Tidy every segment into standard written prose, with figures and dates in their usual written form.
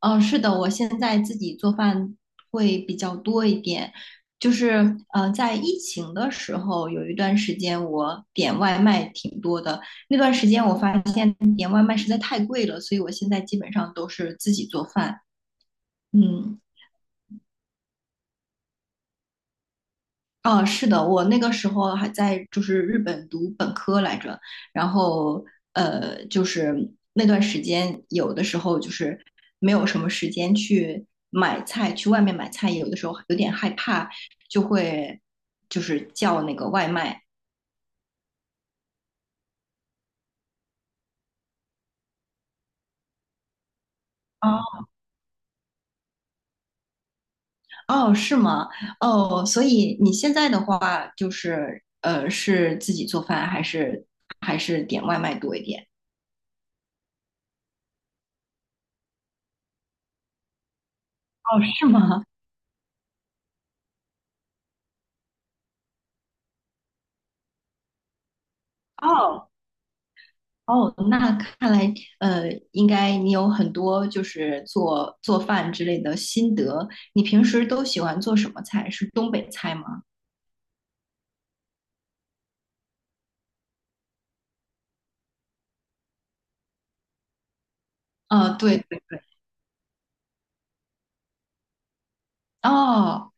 嗯，是的，我现在自己做饭会比较多一点。就是，在疫情的时候，有一段时间我点外卖挺多的。那段时间我发现点外卖实在太贵了，所以我现在基本上都是自己做饭。嗯。哦，是的，我那个时候还在就是日本读本科来着，然后就是那段时间有的时候就是没有什么时间去买菜，去外面买菜，有的时候有点害怕，就会就是叫那个外卖。哦，哦，是吗？哦，所以你现在的话就是是自己做饭还是点外卖多一点？哦，是吗？哦。哦，那看来，应该你有很多就是做饭之类的心得。你平时都喜欢做什么菜？是东北菜吗？啊、对对对。哦，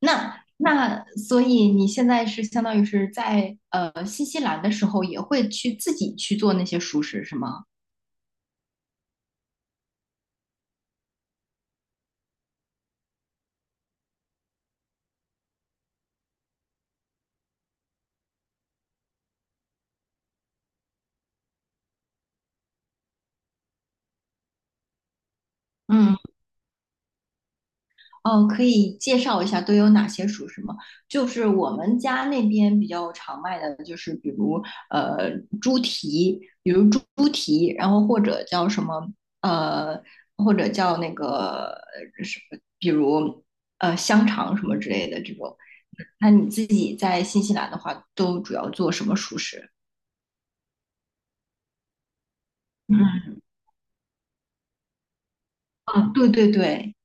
那所以你现在是相当于是在新西兰的时候，也会去自己去做那些熟食是吗？嗯。哦，可以介绍一下都有哪些熟食吗？就是我们家那边比较常卖的，就是比如呃猪蹄，比如猪蹄，然后或者叫什么呃，或者叫那个什么，比如香肠什么之类的这种。那你自己在新西兰的话，都主要做什么熟食？嗯，啊，对对对，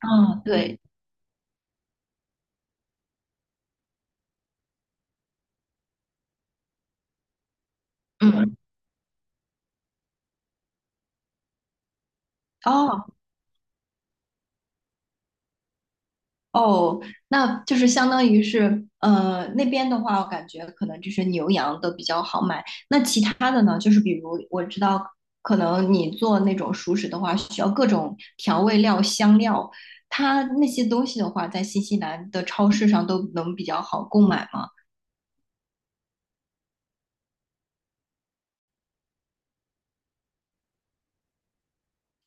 嗯，对，嗯，哦，哦，那就是相当于是，那边的话，我感觉可能就是牛羊都比较好买。那其他的呢？就是比如我知道，可能你做那种熟食的话，需要各种调味料、香料，它那些东西的话，在新西兰的超市上都能比较好购买吗？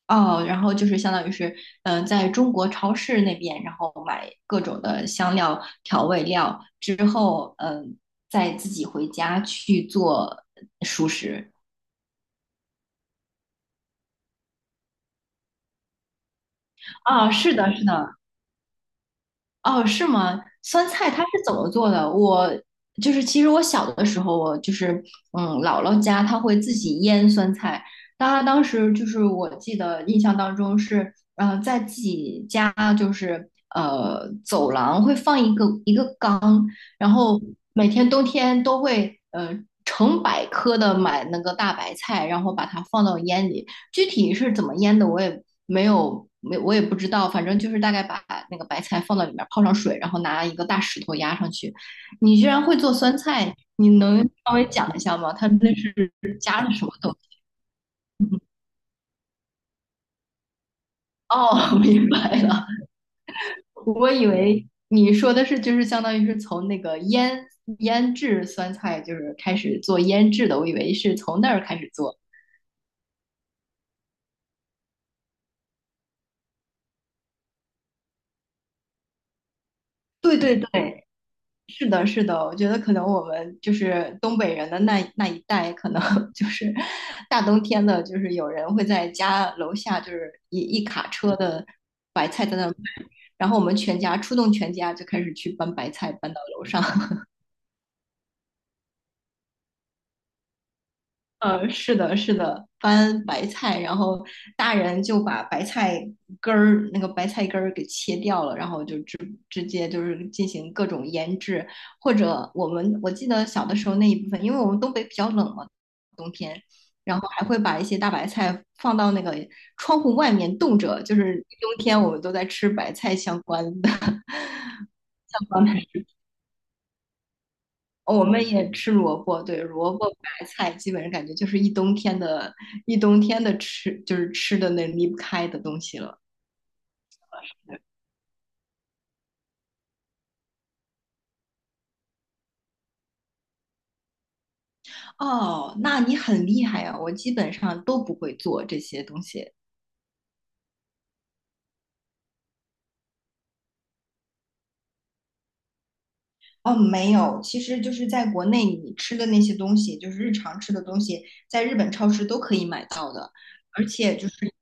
哦，然后就是相当于是，在中国超市那边，然后买各种的香料、调味料之后，再自己回家去做熟食。啊，是的，是的，哦，是吗？酸菜它是怎么做的？我就是其实我小的时候，我就是姥姥家她会自己腌酸菜。她当时就是我记得印象当中是，在自己家就是走廊会放一个缸。然后每天冬天都会成百颗的买那个大白菜，然后把它放到腌里。具体是怎么腌的，我也没有没我也不知道，反正就是大概把那个白菜放到里面泡上水，然后拿一个大石头压上去。你居然会做酸菜，你能稍微讲一下吗？它那是加了什么东西？哦，明白了。我以为你说的是，就是相当于是从那个腌制酸菜，就是开始做腌制的。我以为是从那儿开始做。对对对，是的，是的。我觉得可能我们就是东北人的那一代，可能 就是大冬天的，就是有人会在家楼下，就是一卡车的白菜在那儿卖，然后我们全家出动，全家就开始去搬白菜搬到楼上。呃，是的，是的，翻白菜，然后大人就把白菜根儿给切掉了，然后就直接就是进行各种腌制，或者我记得小的时候那一部分，因为我们东北比较冷嘛，冬天，然后还会把一些大白菜放到那个窗户外面冻着，就是冬天我们都在吃白菜相关的 哦我们也吃萝卜，对，萝卜白菜，基本上感觉就是一冬天的吃，就是吃的那离不开的东西了。哦，那你很厉害啊，我基本上都不会做这些东西。哦，没有，其实就是在国内你吃的那些东西，就是日常吃的东西，在日本超市都可以买到的，而且就是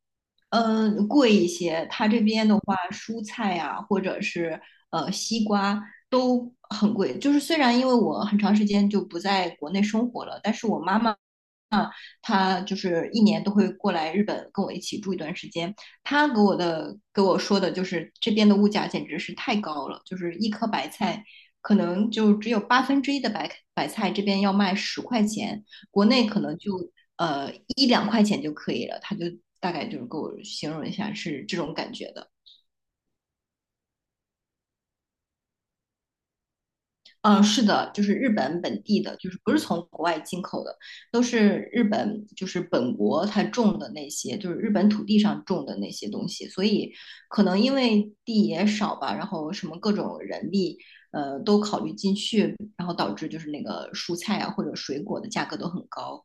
贵一些。它这边的话，蔬菜呀、或者是西瓜都很贵。就是虽然因为我很长时间就不在国内生活了，但是我妈妈啊，他就是一年都会过来日本跟我一起住一段时间。他给我说的就是这边的物价简直是太高了，就是一颗白菜可能就只有1/8的白菜这边要卖10块钱，国内可能就一两块钱就可以了。他就大概就是给我形容一下是这种感觉的。嗯，是的，就是日本本地的，就是不是从国外进口的，都是日本就是本国它种的那些，就是日本土地上种的那些东西，所以可能因为地也少吧，然后什么各种人力，都考虑进去，然后导致就是那个蔬菜啊或者水果的价格都很高。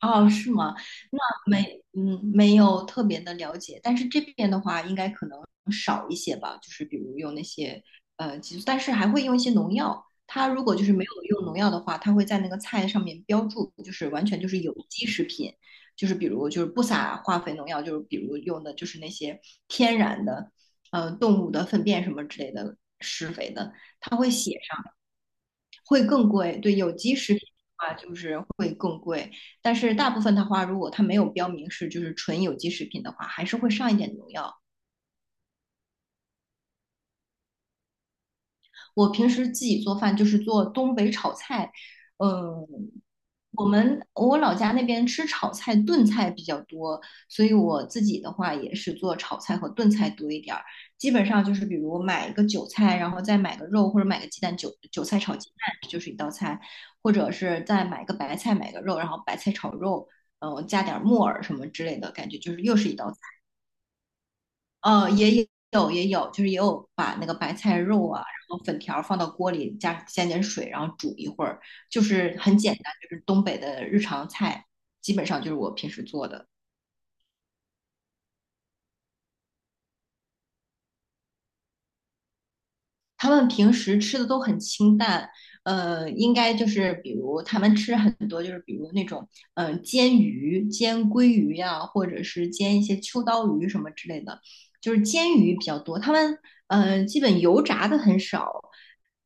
哦，是吗？那没有特别的了解，但是这边的话，应该可能少一些吧，就是比如用那些激素，但是还会用一些农药。它如果就是没有用农药的话，它会在那个菜上面标注，就是完全就是有机食品，就是比如就是不撒化肥农药，就是比如用的就是那些天然的，动物的粪便什么之类的施肥的，它会写上，会更贵。对，有机食品的话，就是。但是大部分的话，如果它没有标明是就是纯有机食品的话，还是会上一点农药。我平时自己做饭就是做东北炒菜，嗯，我老家那边吃炒菜、炖菜比较多，所以我自己的话也是做炒菜和炖菜多一点儿。基本上就是比如买一个韭菜，然后再买个肉或者买个鸡蛋，韭菜炒鸡蛋就是一道菜，或者是再买个白菜买个肉，然后白菜炒肉，加点木耳什么之类的，感觉就是又是一道也有也有，就是也有把那个白菜肉啊，然后粉条放到锅里，加点水，然后煮一会儿，就是很简单，就是东北的日常菜，基本上就是我平时做的。他们平时吃的都很清淡，应该就是比如他们吃很多，就是比如那种煎鱼、煎鲑鱼呀、或者是煎一些秋刀鱼什么之类的，就是煎鱼比较多。他们基本油炸的很少，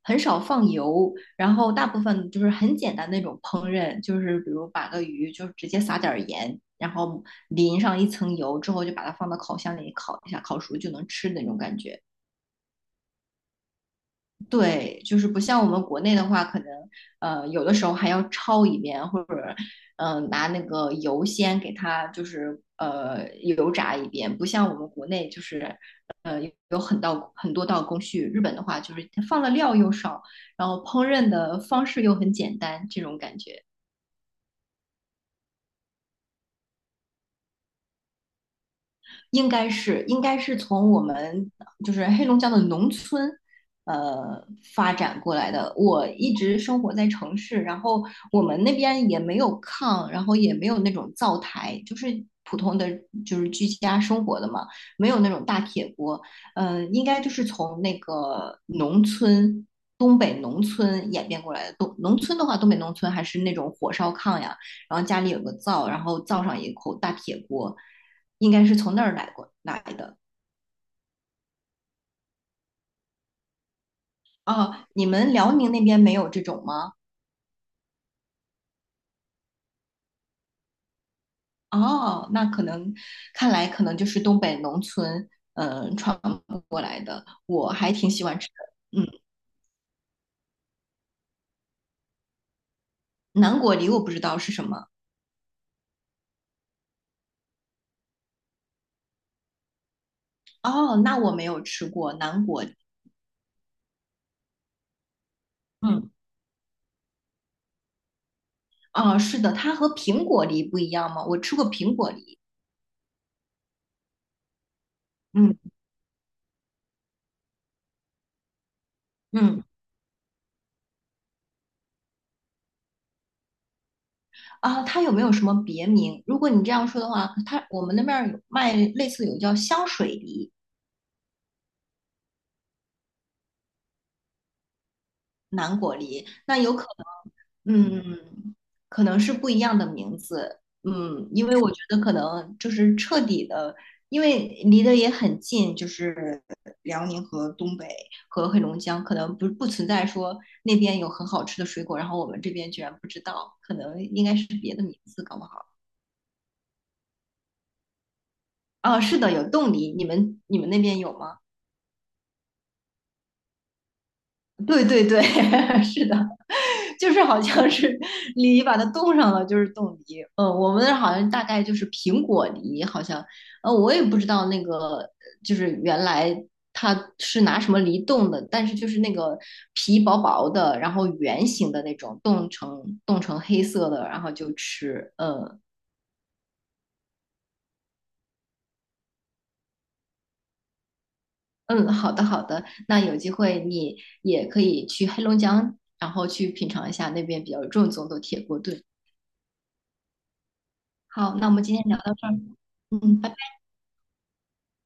很少放油，然后大部分就是很简单那种烹饪，就是比如把个鱼就是直接撒点儿盐。然后淋上一层油之后，就把它放到烤箱里烤一下，烤熟就能吃的那种感觉。对，就是不像我们国内的话，可能有的时候还要焯一遍，或者拿那个油先给它就是油炸一遍，不像我们国内就是呃有很多道工序。日本的话就是放的料又少，然后烹饪的方式又很简单，这种感觉。应该是从我们就是黑龙江的农村，呃，发展过来的。我一直生活在城市，然后我们那边也没有炕，然后也没有那种灶台，就是普通的就是居家生活的嘛，没有那种大铁锅。应该就是从那个农村。东北农村演变过来的，东北农村还是那种火烧炕呀，然后家里有个灶，然后灶上有一口大铁锅，应该是从那儿过来的。哦，你们辽宁那边没有这种吗？哦，那可能看来可能就是东北农村传过来的，我还挺喜欢吃的。嗯，南果梨我不知道是什么。哦，那我没有吃过南果梨。嗯，哦，是的，它和苹果梨不一样吗？我吃过苹果梨。嗯嗯。啊，它有没有什么别名？如果你这样说的话，它我们那边儿有卖类似有叫香水梨、南果梨，那有可能，可能是不一样的名字，因为我觉得可能就是彻底的，因为离得也很近，就是辽宁和东北和黑龙江，可能不存在说那边有很好吃的水果，然后我们这边居然不知道，可能应该是别的名字，搞不好。啊，是的，有冻梨，你们那边有吗？对对对，是的，就是好像是梨把它冻上了，就是冻梨。嗯，我们那儿好像大概就是苹果梨，好像，我也不知道那个就是原来它是拿什么梨冻的，但是就是那个皮薄薄的，然后圆形的那种，冻成黑色的，然后就吃。嗯嗯，好的好的，那有机会你也可以去黑龙江，然后去品尝一下那边比较正宗的铁锅炖。好，那我们今天聊到这儿，嗯，拜拜。